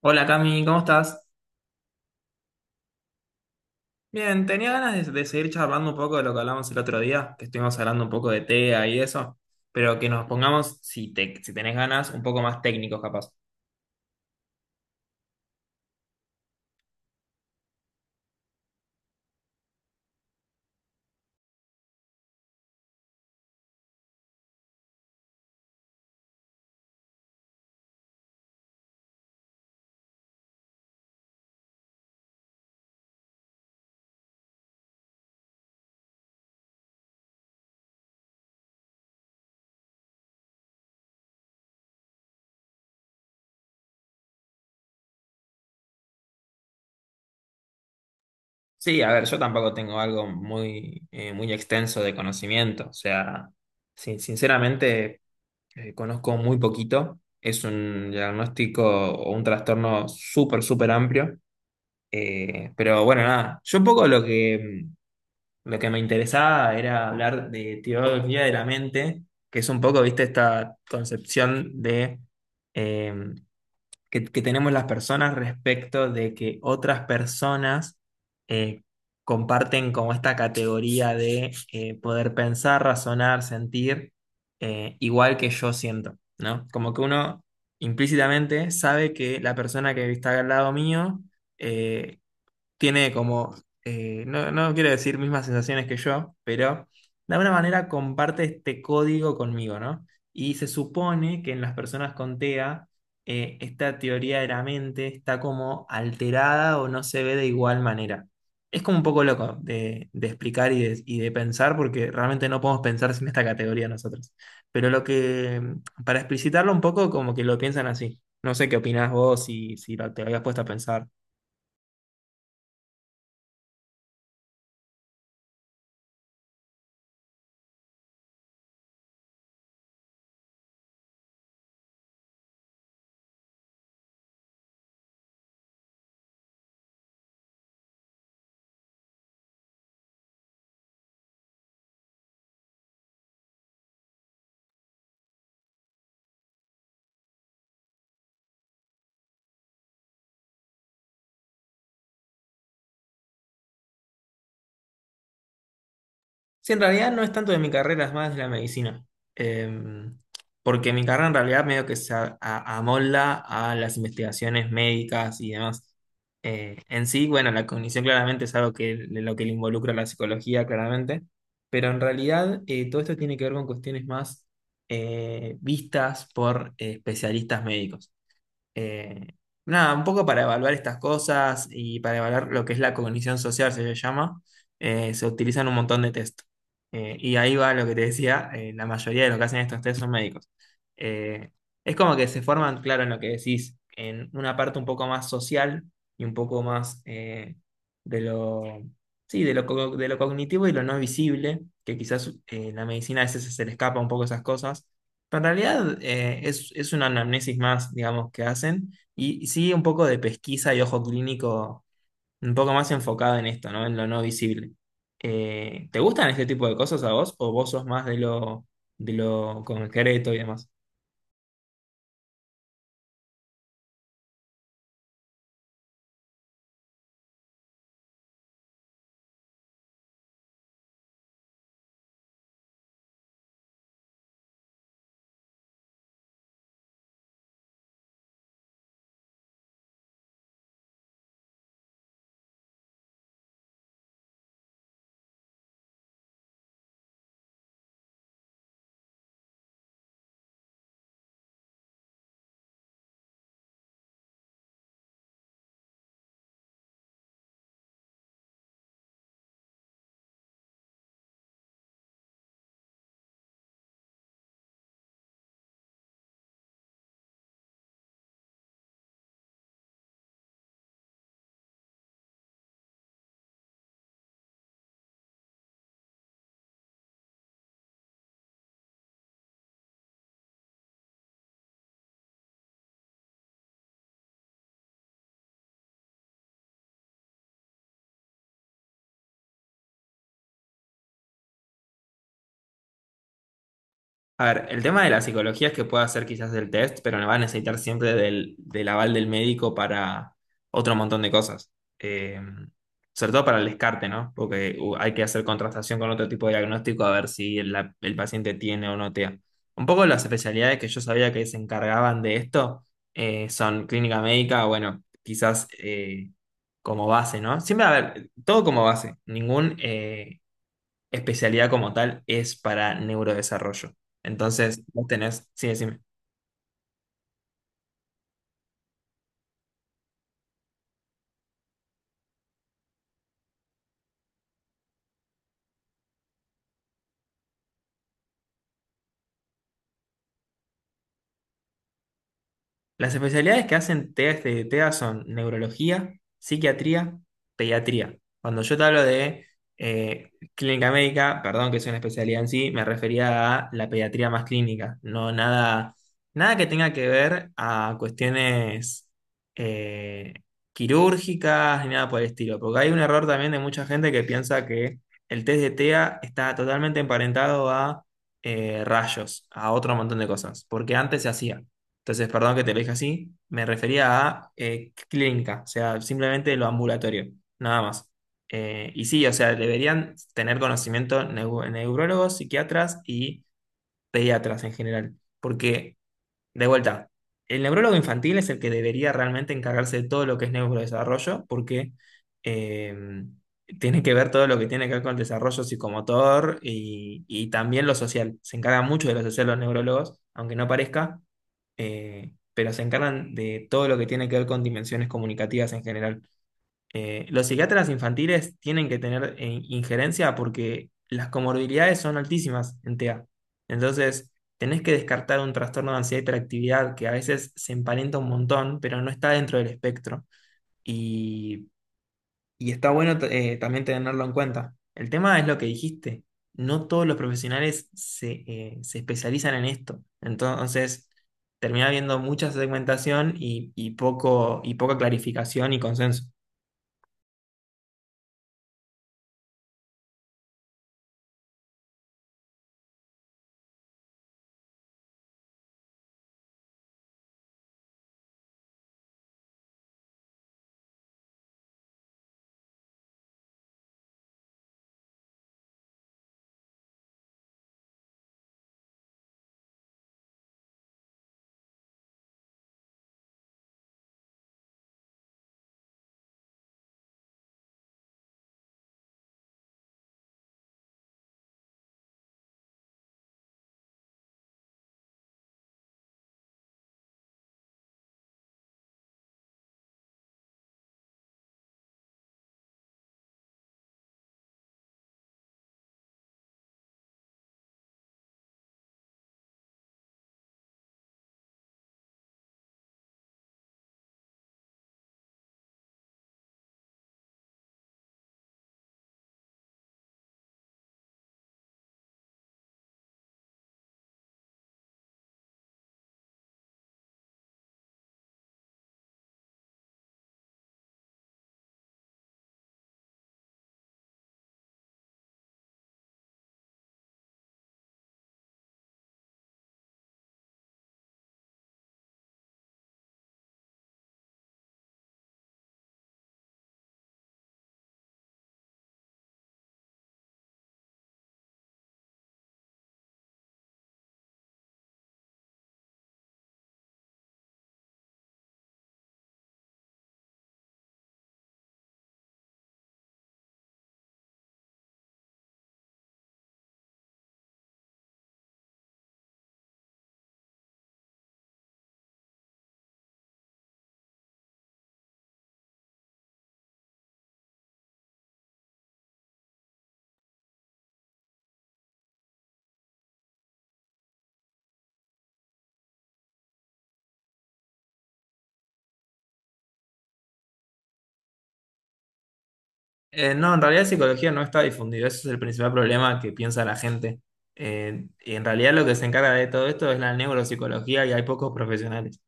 Hola Cami, ¿cómo estás? Bien, tenía ganas de seguir charlando un poco de lo que hablamos el otro día, que estuvimos hablando un poco de TEA y eso, pero que nos pongamos, si tenés ganas, un poco más técnicos capaz. Sí, a ver, yo tampoco tengo algo muy, muy extenso de conocimiento, o sea, sinceramente conozco muy poquito, es un diagnóstico o un trastorno súper amplio, pero bueno, nada, yo un poco lo Lo que me interesaba era hablar de teoría de la mente, que es un poco, viste, esta concepción de eh, que tenemos las personas respecto de que otras personas eh, comparten como esta categoría de poder pensar, razonar, sentir, igual que yo siento, ¿no? Como que uno implícitamente sabe que la persona que está al lado mío eh, tiene como, no, no quiero decir mismas sensaciones que yo, pero de alguna manera comparte este código conmigo, ¿no? Y se supone que en las personas con TEA, esta teoría de la mente está como alterada o no se ve de igual manera. Es como un poco loco de explicar y de pensar, porque realmente no podemos pensar sin esta categoría nosotros. Pero lo que, para explicitarlo un poco, como que lo piensan así. No sé qué opinás vos, si lo- te lo habías puesto a pensar. Sí, en realidad no es tanto de mi carrera, es más de la medicina. Eh, Porque mi carrera en realidad medio que se amolda a las investigaciones médicas y demás. En sí, bueno, la cognición claramente es algo que de lo que le involucra la psicología, claramente. Pero en realidad todo esto tiene que ver con cuestiones más vistas por especialistas médicos. Eh, Nada, un poco para evaluar estas cosas y para evaluar lo que es la cognición social, se le llama, se utilizan un montón de test. Y ahí va lo que te decía, la mayoría de lo que hacen estos test son médicos. Eh, es como que se forman, claro, en lo que decís, en una parte un poco más social y un poco más de lo, sí, de lo cognitivo y lo no visible, que quizás la medicina a veces se le escapa un poco esas cosas, pero en realidad es una anamnesis más, digamos, que hacen y sí un poco de pesquisa y ojo clínico un poco más enfocado en esto, ¿no? En lo no visible. ¿Te gustan este tipo de cosas a vos o vos sos más de lo concreto y demás? A ver, el tema de la psicología es que puede hacer quizás el test, pero no va a necesitar siempre del aval del médico para otro montón de cosas. Eh, Sobre todo para el descarte, ¿no? Porque hay que hacer contrastación con otro tipo de diagnóstico a ver si el paciente tiene o no TEA. Un poco las especialidades que yo sabía que se encargaban de esto son clínica médica, bueno, quizás como base, ¿no? Siempre, a ver, todo como base. Especialidad como tal es para neurodesarrollo. Entonces, vos tenés, sí, sí. Las especialidades que hacen TEA, este, TEA son neurología, psiquiatría, pediatría. Cuando yo te hablo de clínica médica, perdón que es una especialidad en sí, me refería a la pediatría más clínica, nada que tenga que ver a cuestiones eh, quirúrgicas ni nada por el estilo, porque hay un error también de mucha gente que piensa que el test de TEA está totalmente emparentado a rayos, a otro montón de cosas, porque antes se hacía. Entonces, perdón que te lo dije así, me refería a clínica, o sea, simplemente lo ambulatorio, nada más. Y sí, o sea, deberían tener conocimiento neurólogos, psiquiatras y pediatras en general, porque de vuelta, el neurólogo infantil es el que debería realmente encargarse de todo lo que es neurodesarrollo, porque eh, tiene que ver todo lo que tiene que ver con el desarrollo psicomotor y también lo social. Se encargan mucho de lo social los neurólogos, aunque no parezca, pero se encargan de todo lo que tiene que ver con dimensiones comunicativas en general. Los psiquiatras infantiles tienen que tener injerencia porque las comorbilidades son altísimas en TEA. Entonces, tenés que descartar un trastorno de ansiedad y hiperactividad que a veces se emparenta un montón, pero no está dentro del espectro. Y, y está bueno también tenerlo en cuenta. El tema es lo que dijiste. No todos los profesionales se especializan en esto. Entonces, termina habiendo mucha segmentación y poca clarificación y consenso. No, en realidad psicología no está difundido, ese es el principal problema que piensa la gente. Y en realidad lo que se encarga de todo esto es la neuropsicología y hay pocos profesionales.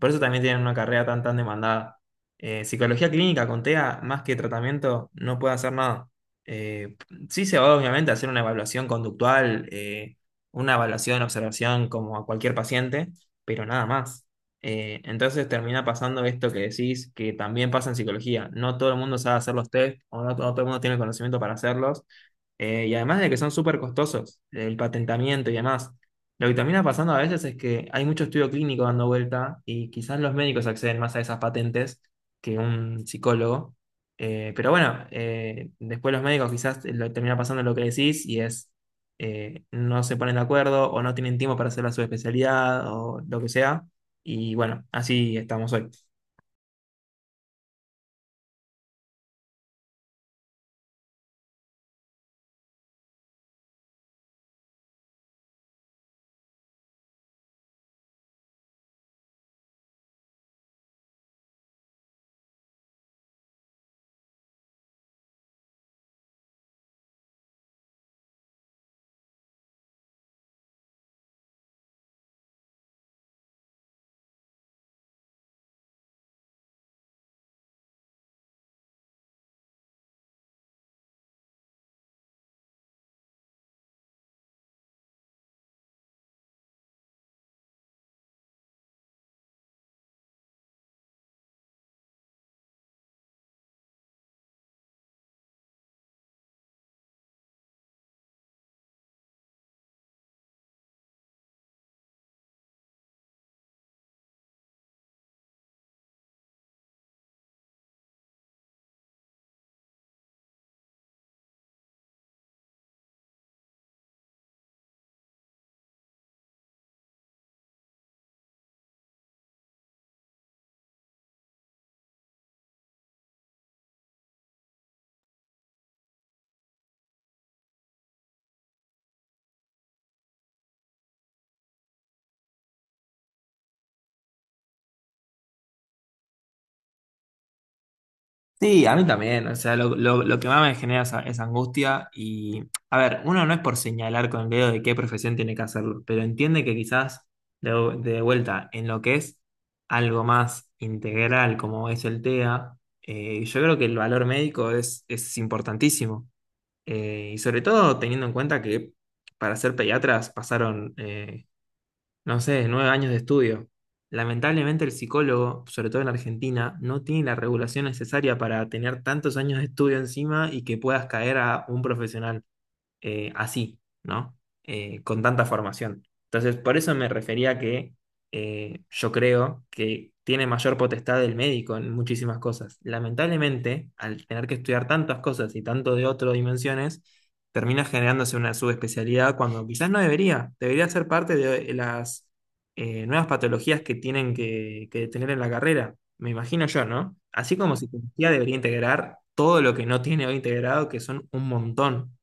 Por eso también tienen una carrera tan demandada. Psicología clínica con TEA, más que tratamiento, no puede hacer nada. Eh, sí se va obviamente a hacer una evaluación conductual, una evaluación, observación como a cualquier paciente, pero nada más. Entonces termina pasando esto que decís, que también pasa en psicología. No todo el mundo sabe hacer los test o no todo el mundo tiene el conocimiento para hacerlos. Y además de que son súper costosos, el patentamiento y demás. Lo que termina pasando a veces es que hay mucho estudio clínico dando vuelta y quizás los médicos acceden más a esas patentes que un psicólogo. Pero bueno, después los médicos termina pasando lo que decís y es no se ponen de acuerdo o no tienen tiempo para hacer la subespecialidad o lo que sea. Y bueno, así estamos hoy. Sí, a mí también, o sea, lo que más me genera esa angustia y, a ver, uno no es por señalar con el dedo de qué profesión tiene que hacerlo, pero entiende que quizás de, de vuelta en lo que es algo más integral como es el TEA, yo creo que el valor médico es importantísimo, y sobre todo teniendo en cuenta que para ser pediatras pasaron no sé, 9 años de estudio. Lamentablemente el psicólogo, sobre todo en Argentina, no tiene la regulación necesaria para tener tantos años de estudio encima y que puedas caer a un profesional así, ¿no? Con tanta formación. Entonces, por eso me refería que yo creo que tiene mayor potestad el médico en muchísimas cosas. Lamentablemente, al tener que estudiar tantas cosas y tanto de otras dimensiones, termina generándose una subespecialidad cuando quizás no debería. Debería ser parte de las nuevas patologías que tienen que tener en la carrera. Me imagino yo, ¿no? Así como psicología debería integrar todo lo que no tiene hoy integrado, que son un montón.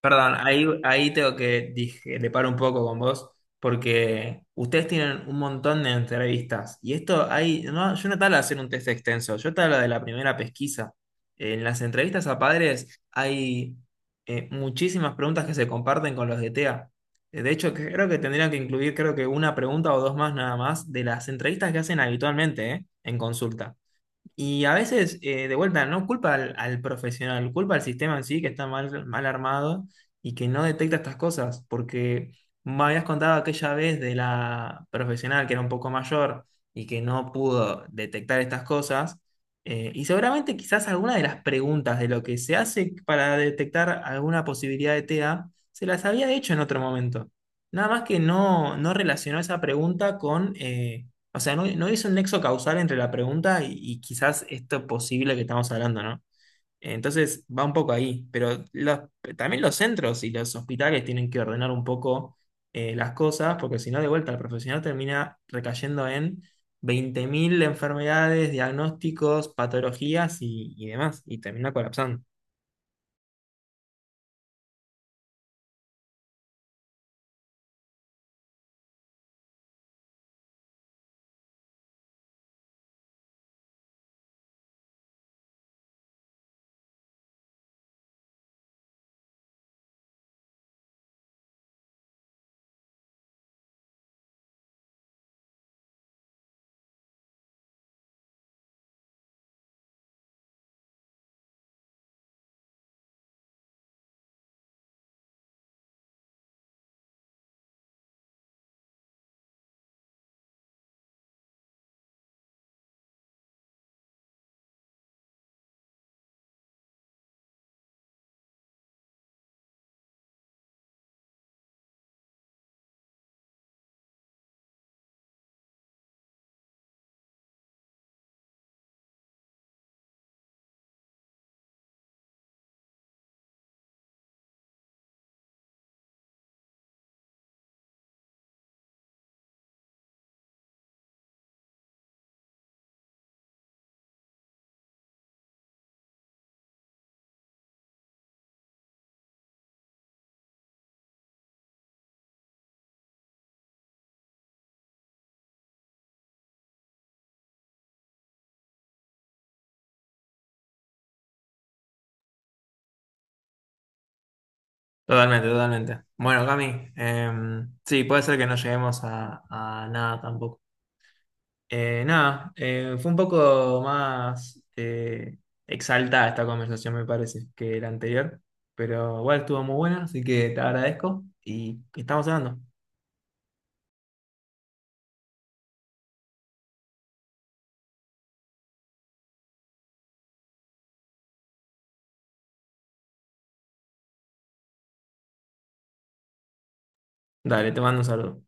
Perdón, ahí tengo que dije, le paro un poco con vos, porque ustedes tienen un montón de entrevistas. Y esto hay, no, yo no te hablo de hacer un test extenso, yo te hablo de la primera pesquisa. En las entrevistas a padres hay muchísimas preguntas que se comparten con los de TEA. De hecho, creo que tendrían que incluir, creo que una pregunta o dos más nada más de las entrevistas que hacen habitualmente, en consulta. Y a veces, de vuelta, no culpa al profesional, culpa al sistema en sí que está mal armado y que no detecta estas cosas, porque me habías contado aquella vez de la profesional que era un poco mayor y que no pudo detectar estas cosas, y seguramente quizás alguna de las preguntas de lo que se hace para detectar alguna posibilidad de TEA se las había hecho en otro momento. Nada más que no relacionó esa pregunta con... o sea, no hizo un nexo causal entre la pregunta y quizás esto posible que estamos hablando, ¿no? Entonces va un poco ahí, pero también los centros y los hospitales tienen que ordenar un poco las cosas, porque si no, de vuelta, el profesional termina recayendo en 20.000 enfermedades, diagnósticos, patologías y demás, y termina colapsando. Totalmente, totalmente. Bueno, Cami, sí, puede ser que no lleguemos a nada tampoco. Nada, fue un poco más exaltada esta conversación, me parece, que la anterior. Pero igual estuvo muy buena, así que te agradezco y estamos hablando. Dale, te mando un saludo.